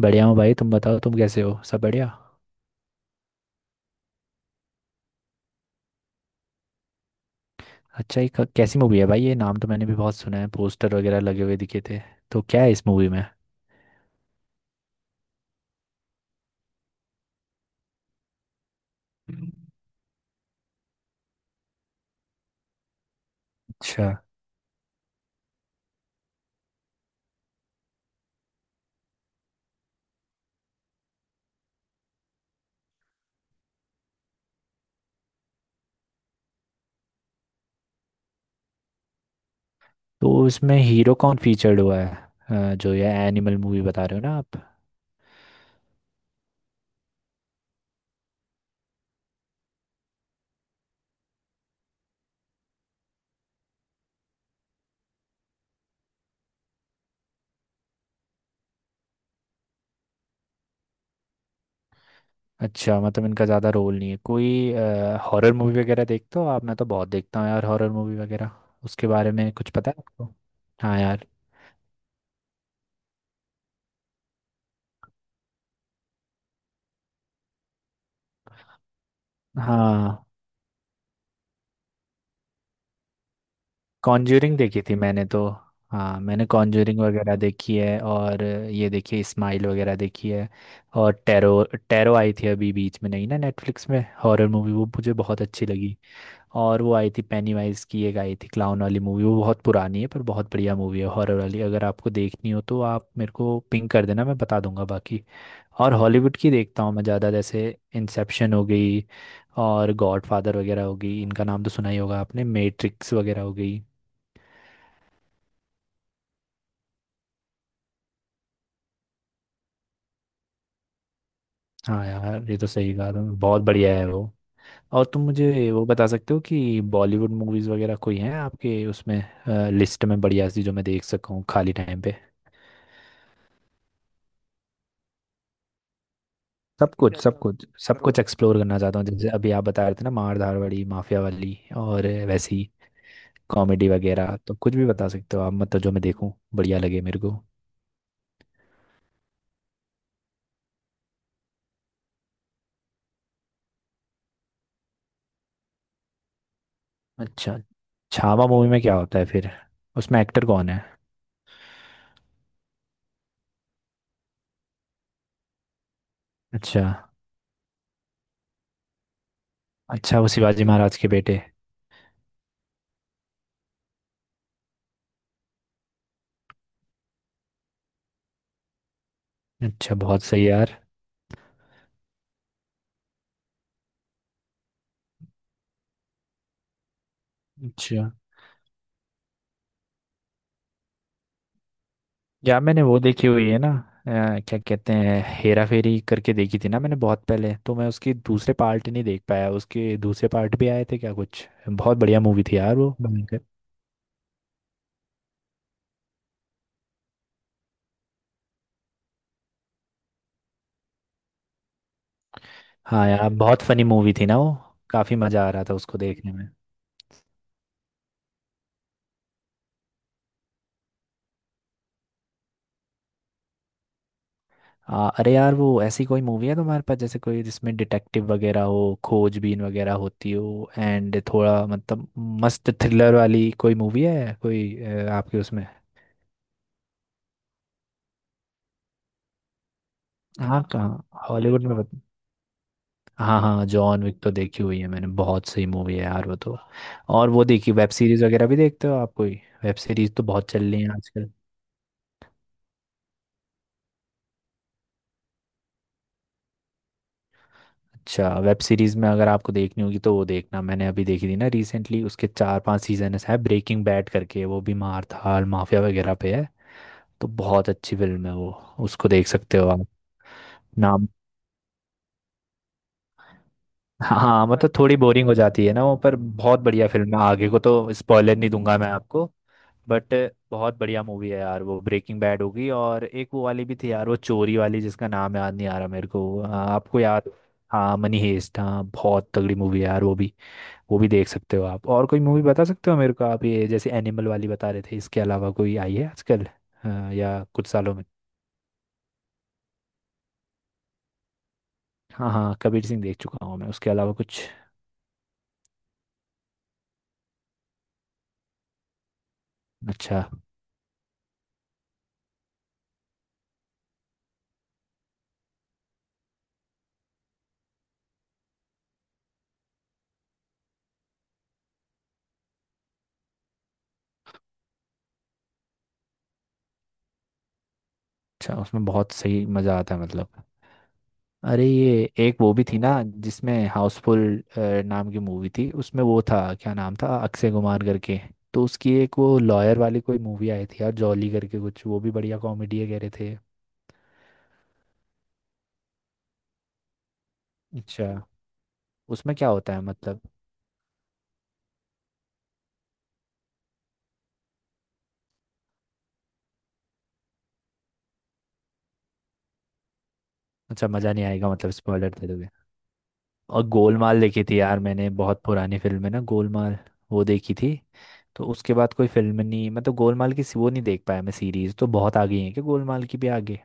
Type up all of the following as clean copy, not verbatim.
बढ़िया हूँ भाई। तुम बताओ, तुम कैसे हो? सब बढ़िया? अच्छा, ये कैसी मूवी है भाई? ये नाम तो मैंने भी बहुत सुना है, पोस्टर वगैरह लगे हुए दिखे थे। तो क्या है इस मूवी में? अच्छा। तो इसमें हीरो कौन फीचर्ड हुआ है? जो ये एनिमल मूवी बता रहे हो ना आप। अच्छा, मतलब इनका ज़्यादा रोल नहीं है कोई। हॉरर मूवी वगैरह देखते हो आप? मैं तो बहुत देखता हूँ यार हॉरर मूवी वगैरह। उसके बारे में कुछ पता है आपको? हाँ यार। हाँ, कॉन्ज्यूरिंग देखी थी मैंने तो। हाँ मैंने कॉन्ज्यूरिंग वगैरह देखी है और ये देखिए स्माइल वगैरह देखी है। और टेरो। टेरो आई थी अभी बीच में नहीं ना, नेटफ्लिक्स में हॉरर मूवी, वो मुझे बहुत अच्छी लगी। और वो आई थी पेनीवाइज की, एक आई थी क्लाउन वाली मूवी, वो बहुत पुरानी है पर बहुत बढ़िया मूवी है हॉरर वाली। अगर आपको देखनी हो तो आप मेरे को पिंग कर देना, मैं बता दूंगा बाकी। और हॉलीवुड की देखता हूँ मैं ज़्यादा, जैसे इंसेप्शन हो गई और गॉडफादर वगैरह हो गई, इनका नाम तो सुना ही होगा आपने, मैट्रिक्स वगैरह हो गई। हाँ यार, ये तो सही कहा तुमने, बहुत बढ़िया है वो। और तुम मुझे वो बता सकते हो कि बॉलीवुड मूवीज वगैरह कोई हैं आपके उसमें लिस्ट में बढ़िया सी, जो मैं देख सकूँ खाली टाइम पे? सब कुछ सब कुछ सब कुछ एक्सप्लोर करना चाहता हूँ, जैसे अभी आप बता रहे थे ना, मार धाड़ माफिया वाली और वैसी। कॉमेडी वगैरह तो कुछ भी बता सकते हो आप, मतलब जो मैं देखूं बढ़िया लगे मेरे को। अच्छा। छावा मूवी में क्या होता है फिर? उसमें एक्टर कौन है? अच्छा। अच्छा वो शिवाजी महाराज के बेटे। अच्छा, बहुत सही यार। अच्छा। यार मैंने वो देखी हुई है ना। क्या कहते हैं, हेरा फेरी करके देखी थी ना मैंने बहुत पहले, तो मैं उसकी दूसरे पार्ट नहीं देख पाया, उसके दूसरे पार्ट भी आए थे क्या? कुछ बहुत बढ़िया मूवी थी यार वो, भयंकर। हाँ यार बहुत फनी मूवी थी ना वो। काफी मजा आ रहा था उसको देखने में। अरे यार, वो ऐसी कोई मूवी है तुम्हारे पास जैसे कोई जिसमें डिटेक्टिव वगैरह हो, खोजबीन वगैरह होती हो एंड थोड़ा मतलब मस्त थ्रिलर वाली कोई मूवी है कोई आपके उसमें? हाँ कहाँ, हॉलीवुड में? हाँ हाँ, जॉन विक तो देखी हुई है मैंने, बहुत सही मूवी है यार वो तो। और वो देखी, वेब सीरीज वगैरह भी देखते हो आप कोई? वेब सीरीज तो बहुत चल रही है आजकल। अच्छा, वेब सीरीज में अगर आपको देखनी होगी तो वो देखना, मैंने अभी देखी थी ना रिसेंटली, उसके 4-5 सीजन है ब्रेकिंग बैड करके, वो भी मार धाड़ माफिया वगैरह पे है। तो बहुत अच्छी फिल्म है वो, उसको देख सकते हो आप। नाम। हाँ मतलब थोड़ी बोरिंग हो जाती है ना वो, पर बहुत बढ़िया फिल्म है आगे को, तो स्पॉइलर नहीं दूंगा मैं आपको। बट बहुत बढ़िया मूवी है यार वो ब्रेकिंग बैड होगी। और एक वो वाली भी थी यार, वो चोरी वाली, जिसका नाम याद नहीं आ रहा मेरे को, आपको याद? हाँ मनी हेस्ट, हाँ बहुत तगड़ी मूवी है यार वो भी। वो भी देख सकते हो आप। और कोई मूवी बता सकते हो मेरे को आप? ये जैसे एनिमल वाली बता रहे थे, इसके अलावा कोई आई है आजकल? हाँ, या कुछ सालों में? हाँ हाँ, कबीर सिंह देख चुका हूँ मैं, उसके अलावा कुछ? अच्छा। अच्छा उसमें बहुत सही मज़ा आता है मतलब। अरे, ये एक वो भी थी ना जिसमें हाउसफुल नाम की मूवी थी, उसमें वो था, क्या नाम था, अक्षय कुमार करके। तो उसकी एक वो लॉयर वाली कोई मूवी आई थी यार, जॉली करके कुछ, वो भी बढ़िया कॉमेडी है कह रहे थे। अच्छा। उसमें क्या होता है मतलब? अच्छा, मज़ा नहीं आएगा मतलब स्पॉइलर दे दोगे। और गोलमाल देखी थी यार मैंने, बहुत पुरानी फिल्म है ना गोलमाल, वो देखी थी। तो उसके बाद कोई फिल्म नहीं, मतलब गोलमाल की वो नहीं देख पाया मैं, सीरीज तो बहुत आगे है क्या, गोलमाल की भी आगे?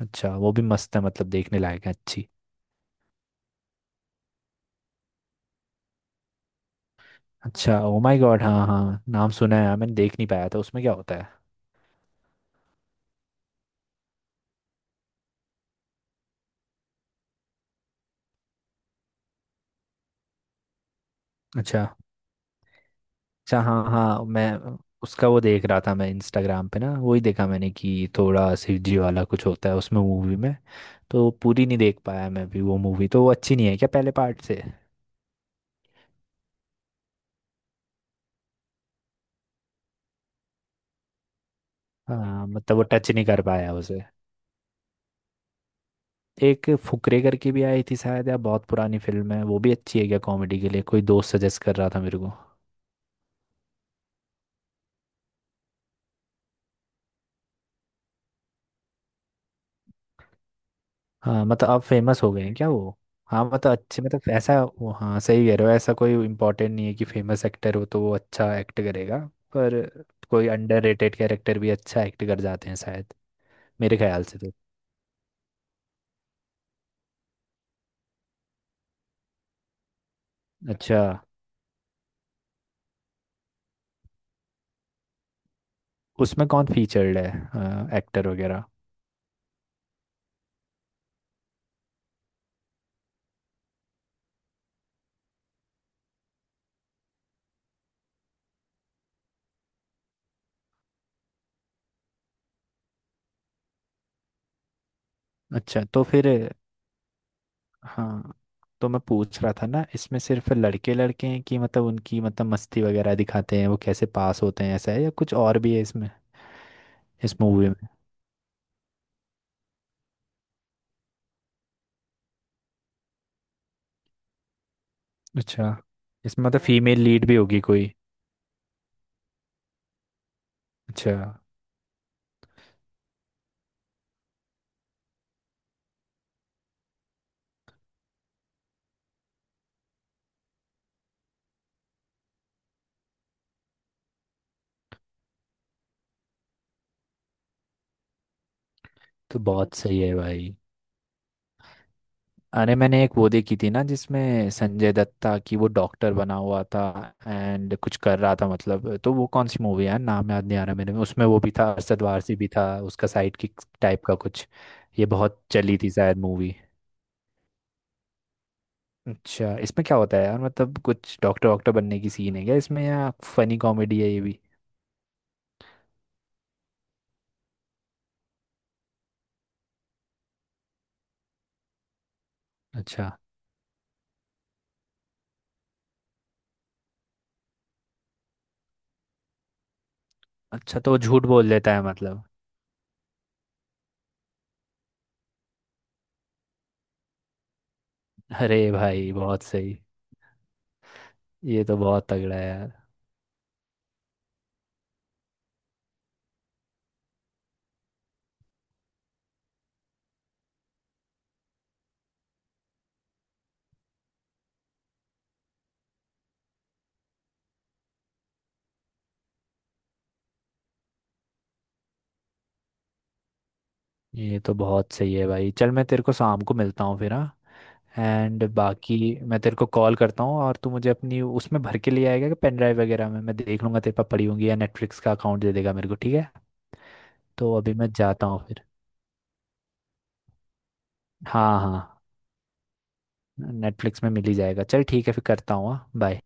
अच्छा वो भी मस्त है मतलब, देखने लायक है अच्छी। अच्छा ओ माय गॉड, हाँ हाँ नाम सुना है यार, मैंने देख नहीं पाया था, उसमें क्या होता है? अच्छा। अच्छा हाँ हाँ, मैं उसका वो देख रहा था मैं इंस्टाग्राम पे ना, वही देखा मैंने कि थोड़ा शिवजी वाला कुछ होता है उसमें मूवी में। तो पूरी नहीं देख पाया मैं भी वो मूवी, तो वो अच्छी नहीं है क्या पहले पार्ट से? हाँ मतलब वो टच नहीं कर पाया उसे। एक फुकरे करके भी आई थी शायद, या बहुत पुरानी फिल्म है, वो भी अच्छी है क्या कॉमेडी के लिए? कोई दोस्त सजेस्ट कर रहा था मेरे को। हाँ मतलब अब फेमस हो गए हैं क्या वो? हाँ मतलब अच्छे, मतलब ऐसा। वो हाँ सही कह रहे हो, ऐसा कोई इम्पोर्टेंट नहीं है कि फेमस एक्टर हो तो वो अच्छा एक्ट करेगा। पर कोई अंडररेटेड कैरेक्टर भी अच्छा एक्ट कर जाते हैं शायद, मेरे ख्याल से तो। अच्छा, उसमें कौन फीचर्ड है एक्टर वगैरह? अच्छा तो फिर हाँ, तो मैं पूछ रहा था ना इसमें सिर्फ लड़के लड़के हैं कि, मतलब उनकी मतलब मस्ती वगैरह दिखाते हैं वो, कैसे पास होते हैं, ऐसा है या कुछ और भी है इसमें, इस मूवी में? अच्छा, इसमें मतलब फीमेल लीड भी होगी कोई? अच्छा तो बहुत सही है भाई। अरे मैंने एक वो देखी थी ना जिसमें संजय दत्ता की, वो डॉक्टर बना हुआ था एंड कुछ कर रहा था मतलब, तो वो कौन सी मूवी है, नाम याद नहीं आ रहा मेरे में, उसमें वो भी था, अरशद वारसी भी था उसका साइड किक टाइप का कुछ। ये बहुत चली थी शायद मूवी। अच्छा इसमें क्या होता है यार, मतलब कुछ डॉक्टर वॉक्टर बनने की सीन है क्या इसमें, या फनी कॉमेडी है ये भी? अच्छा। अच्छा तो वो झूठ बोल देता है मतलब। अरे भाई बहुत सही। ये तो बहुत तगड़ा है यार। ये तो बहुत सही है भाई, चल मैं तेरे को शाम को मिलता हूँ फिर, हाँ। एंड बाकी मैं तेरे को कॉल करता हूँ और तू मुझे अपनी उसमें भर के ले आएगा कि, पेन ड्राइव वगैरह में मैं देख लूँगा तेरे पास पड़ी होंगी, या नेटफ्लिक्स का अकाउंट दे देगा मेरे को, ठीक है? तो अभी मैं जाता हूँ फिर। हाँ हाँ, नेटफ्लिक्स में मिल ही जाएगा। चल ठीक है, फिर करता हूँ। हाँ बाय।